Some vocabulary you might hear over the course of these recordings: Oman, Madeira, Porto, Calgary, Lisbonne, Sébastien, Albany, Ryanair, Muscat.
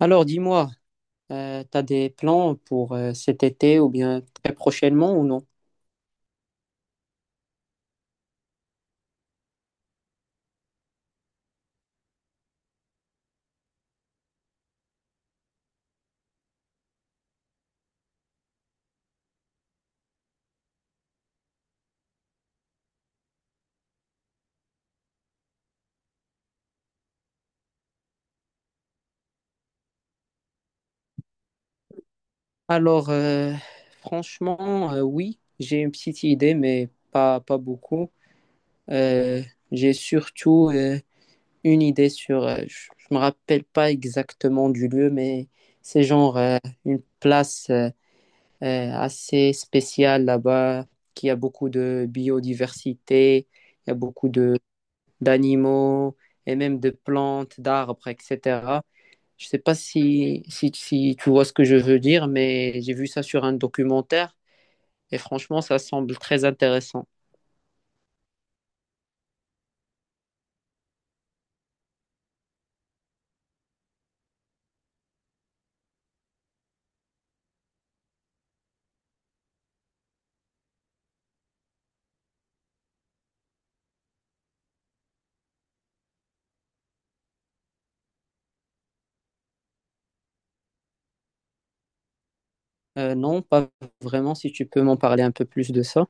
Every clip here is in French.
Alors, dis-moi, t'as des plans pour cet été ou bien très prochainement ou non? Alors, franchement, oui, j'ai une petite idée, mais pas beaucoup. Euh, j'ai surtout une idée sur, je ne me rappelle pas exactement du lieu, mais c'est genre une place assez spéciale là-bas, qui a beaucoup de biodiversité, il y a beaucoup de d'animaux et même de plantes, d'arbres, etc. Je sais pas si tu vois ce que je veux dire, mais j'ai vu ça sur un documentaire et franchement, ça semble très intéressant. Non, pas vraiment, si tu peux m'en parler un peu plus de ça.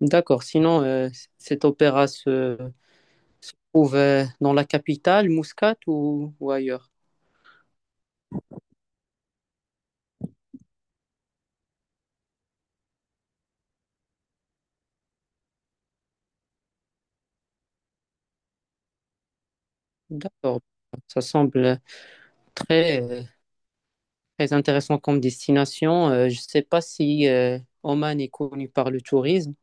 D'accord, sinon, cet opéra se trouve dans la capitale, Muscat ou ailleurs? D'accord, ça semble très, euh, très intéressant comme destination. Je sais pas si Oman est connu par le tourisme.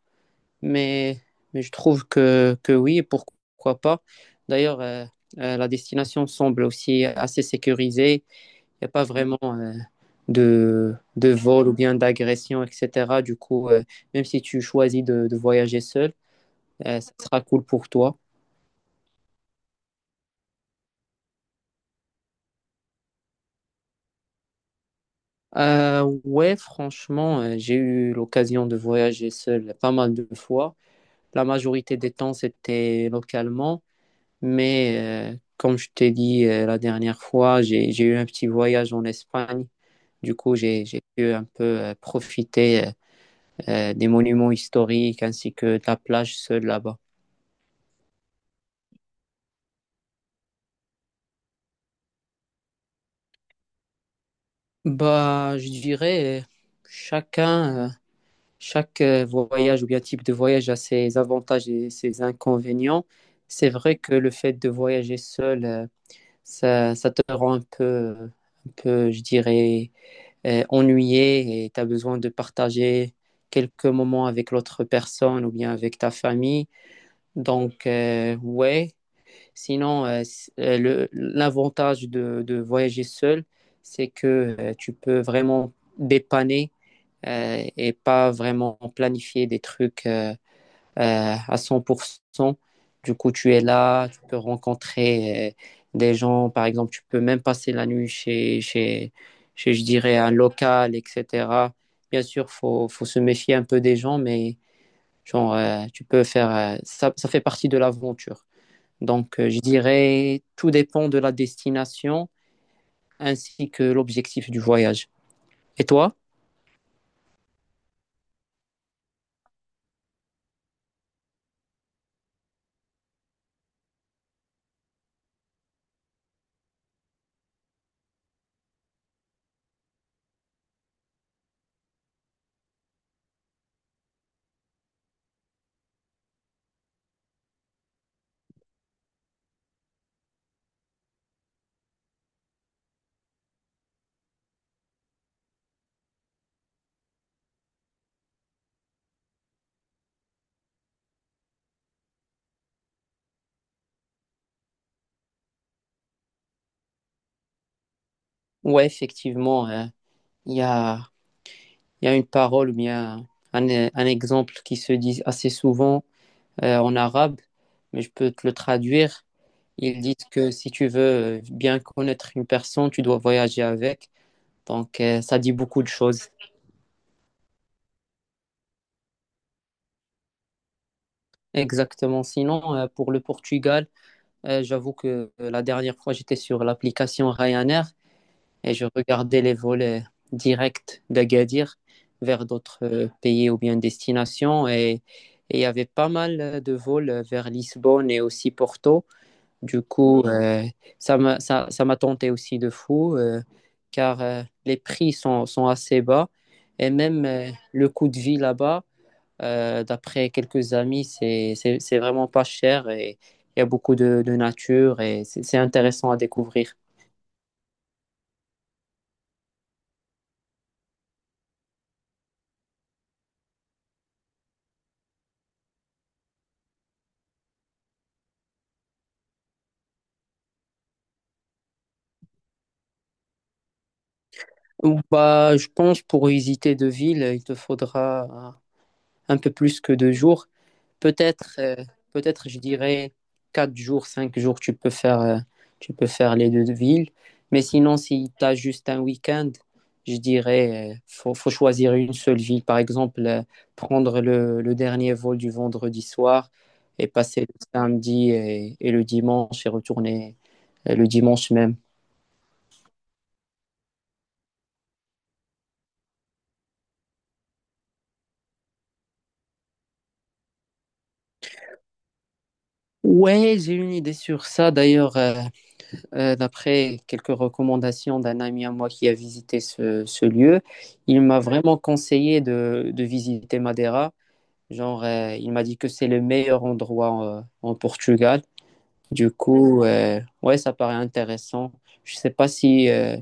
Mais, mais je trouve que oui, pourquoi pas. D'ailleurs, la destination semble aussi assez sécurisée. Il n'y a pas vraiment de vol ou bien d'agression, etc. Du coup, même si tu choisis de voyager seul, ça sera cool pour toi. Ouais, franchement, j'ai eu l'occasion de voyager seul pas mal de fois. La majorité des temps, c'était localement. Mais comme je t'ai dit la dernière fois, j'ai eu un petit voyage en Espagne. Du coup, j'ai pu un peu profiter des monuments historiques ainsi que de la plage seule là-bas. Bah, je dirais, chacun, chaque voyage ou bien type de voyage a ses avantages et ses inconvénients. C'est vrai que le fait de voyager seul, ça te rend un peu, je dirais, ennuyé et tu as besoin de partager quelques moments avec l'autre personne ou bien avec ta famille. Donc, ouais. Sinon, l'avantage de voyager seul, c'est que tu peux vraiment dépanner et pas vraiment planifier des trucs. À 100%. Du coup, tu es là, tu peux rencontrer des gens, par exemple, tu peux même passer la nuit chez je dirais, un local, etc. Bien sûr, faut se méfier un peu des gens, mais genre, tu peux faire, ça fait partie de l'aventure. Donc, je dirais, tout dépend de la destination ainsi que l'objectif du voyage. Et toi? Ouais, effectivement, il y a, il y a une parole ou bien un, un exemple qui se dit assez souvent en arabe, mais je peux te le traduire. Ils disent que si tu veux bien connaître une personne, tu dois voyager avec. Donc, ça dit beaucoup de choses. Exactement. Sinon, pour le Portugal, j'avoue que la dernière fois, j'étais sur l'application Ryanair et je regardais les vols directs d'Agadir vers d'autres pays ou bien destinations et il y avait pas mal de vols vers Lisbonne et aussi Porto. Du coup, ça m'a tenté aussi de fou, car les prix sont assez bas. Et même le coût de vie là-bas, d'après quelques amis, c'est vraiment pas cher et il y a beaucoup de nature et c'est intéressant à découvrir. Ou bah, je pense pour visiter deux villes, il te faudra euh, un peu plus que deux jours. Peut-être, euh, peut-être, je dirais quatre jours, cinq jours, tu peux faire les deux villes. Mais sinon, si tu as juste un week-end, je dirais, faut choisir une seule ville. Par exemple, prendre le dernier vol du vendredi soir et passer le samedi et le dimanche et retourner le dimanche même. Ouais, j'ai une idée sur ça d'ailleurs. D'après quelques recommandations d'un ami à moi qui a visité ce lieu, il m'a vraiment conseillé de visiter Madeira. Genre, il m'a dit que c'est le meilleur endroit en Portugal. Du coup, ouais, ça paraît intéressant. Je sais pas si,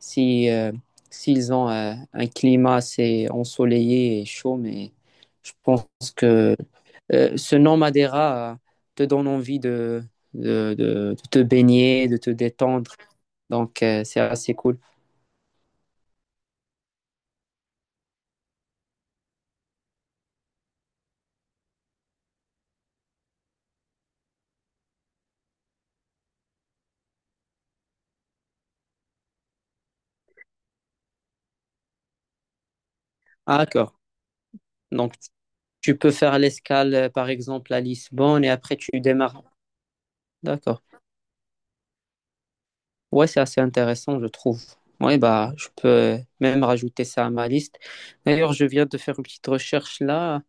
si, s'ils ont un climat assez ensoleillé et chaud, mais je pense que ce nom Madeira te donne envie de te baigner, de te détendre. Donc, c'est assez cool. Ah, d'accord. Donc, tu peux faire l'escale, par exemple, à Lisbonne et après tu démarres. D'accord. Ouais, c'est assez intéressant, je trouve. Ouais, bah, je peux même rajouter ça à ma liste. D'ailleurs, je viens de faire une petite recherche là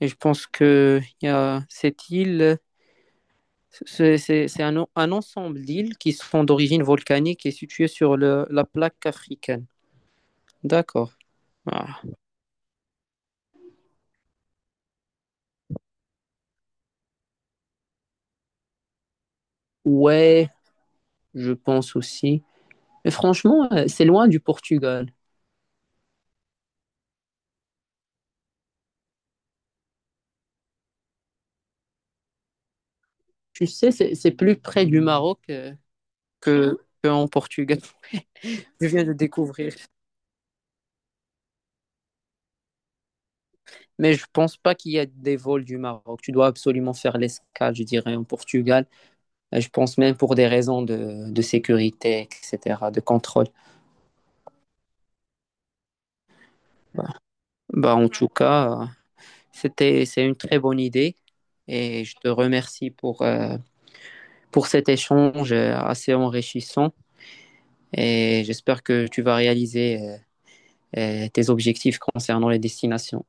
et je pense que il y a cette île, c'est un ensemble d'îles qui sont d'origine volcanique et situées sur la plaque africaine. D'accord. Ah. Ouais, je pense aussi. Mais franchement, c'est loin du Portugal. Tu sais, c'est plus près du Maroc que en Portugal. Je viens de découvrir. Mais je pense pas qu'il y a des vols du Maroc. Tu dois absolument faire l'escale, je dirais, en Portugal. Je pense même pour des raisons de sécurité, etc., de contrôle. Bah, bah, en tout cas, c'était, c'est une très bonne idée. Et je te remercie pour cet échange assez enrichissant. Et j'espère que tu vas réaliser tes objectifs concernant les destinations.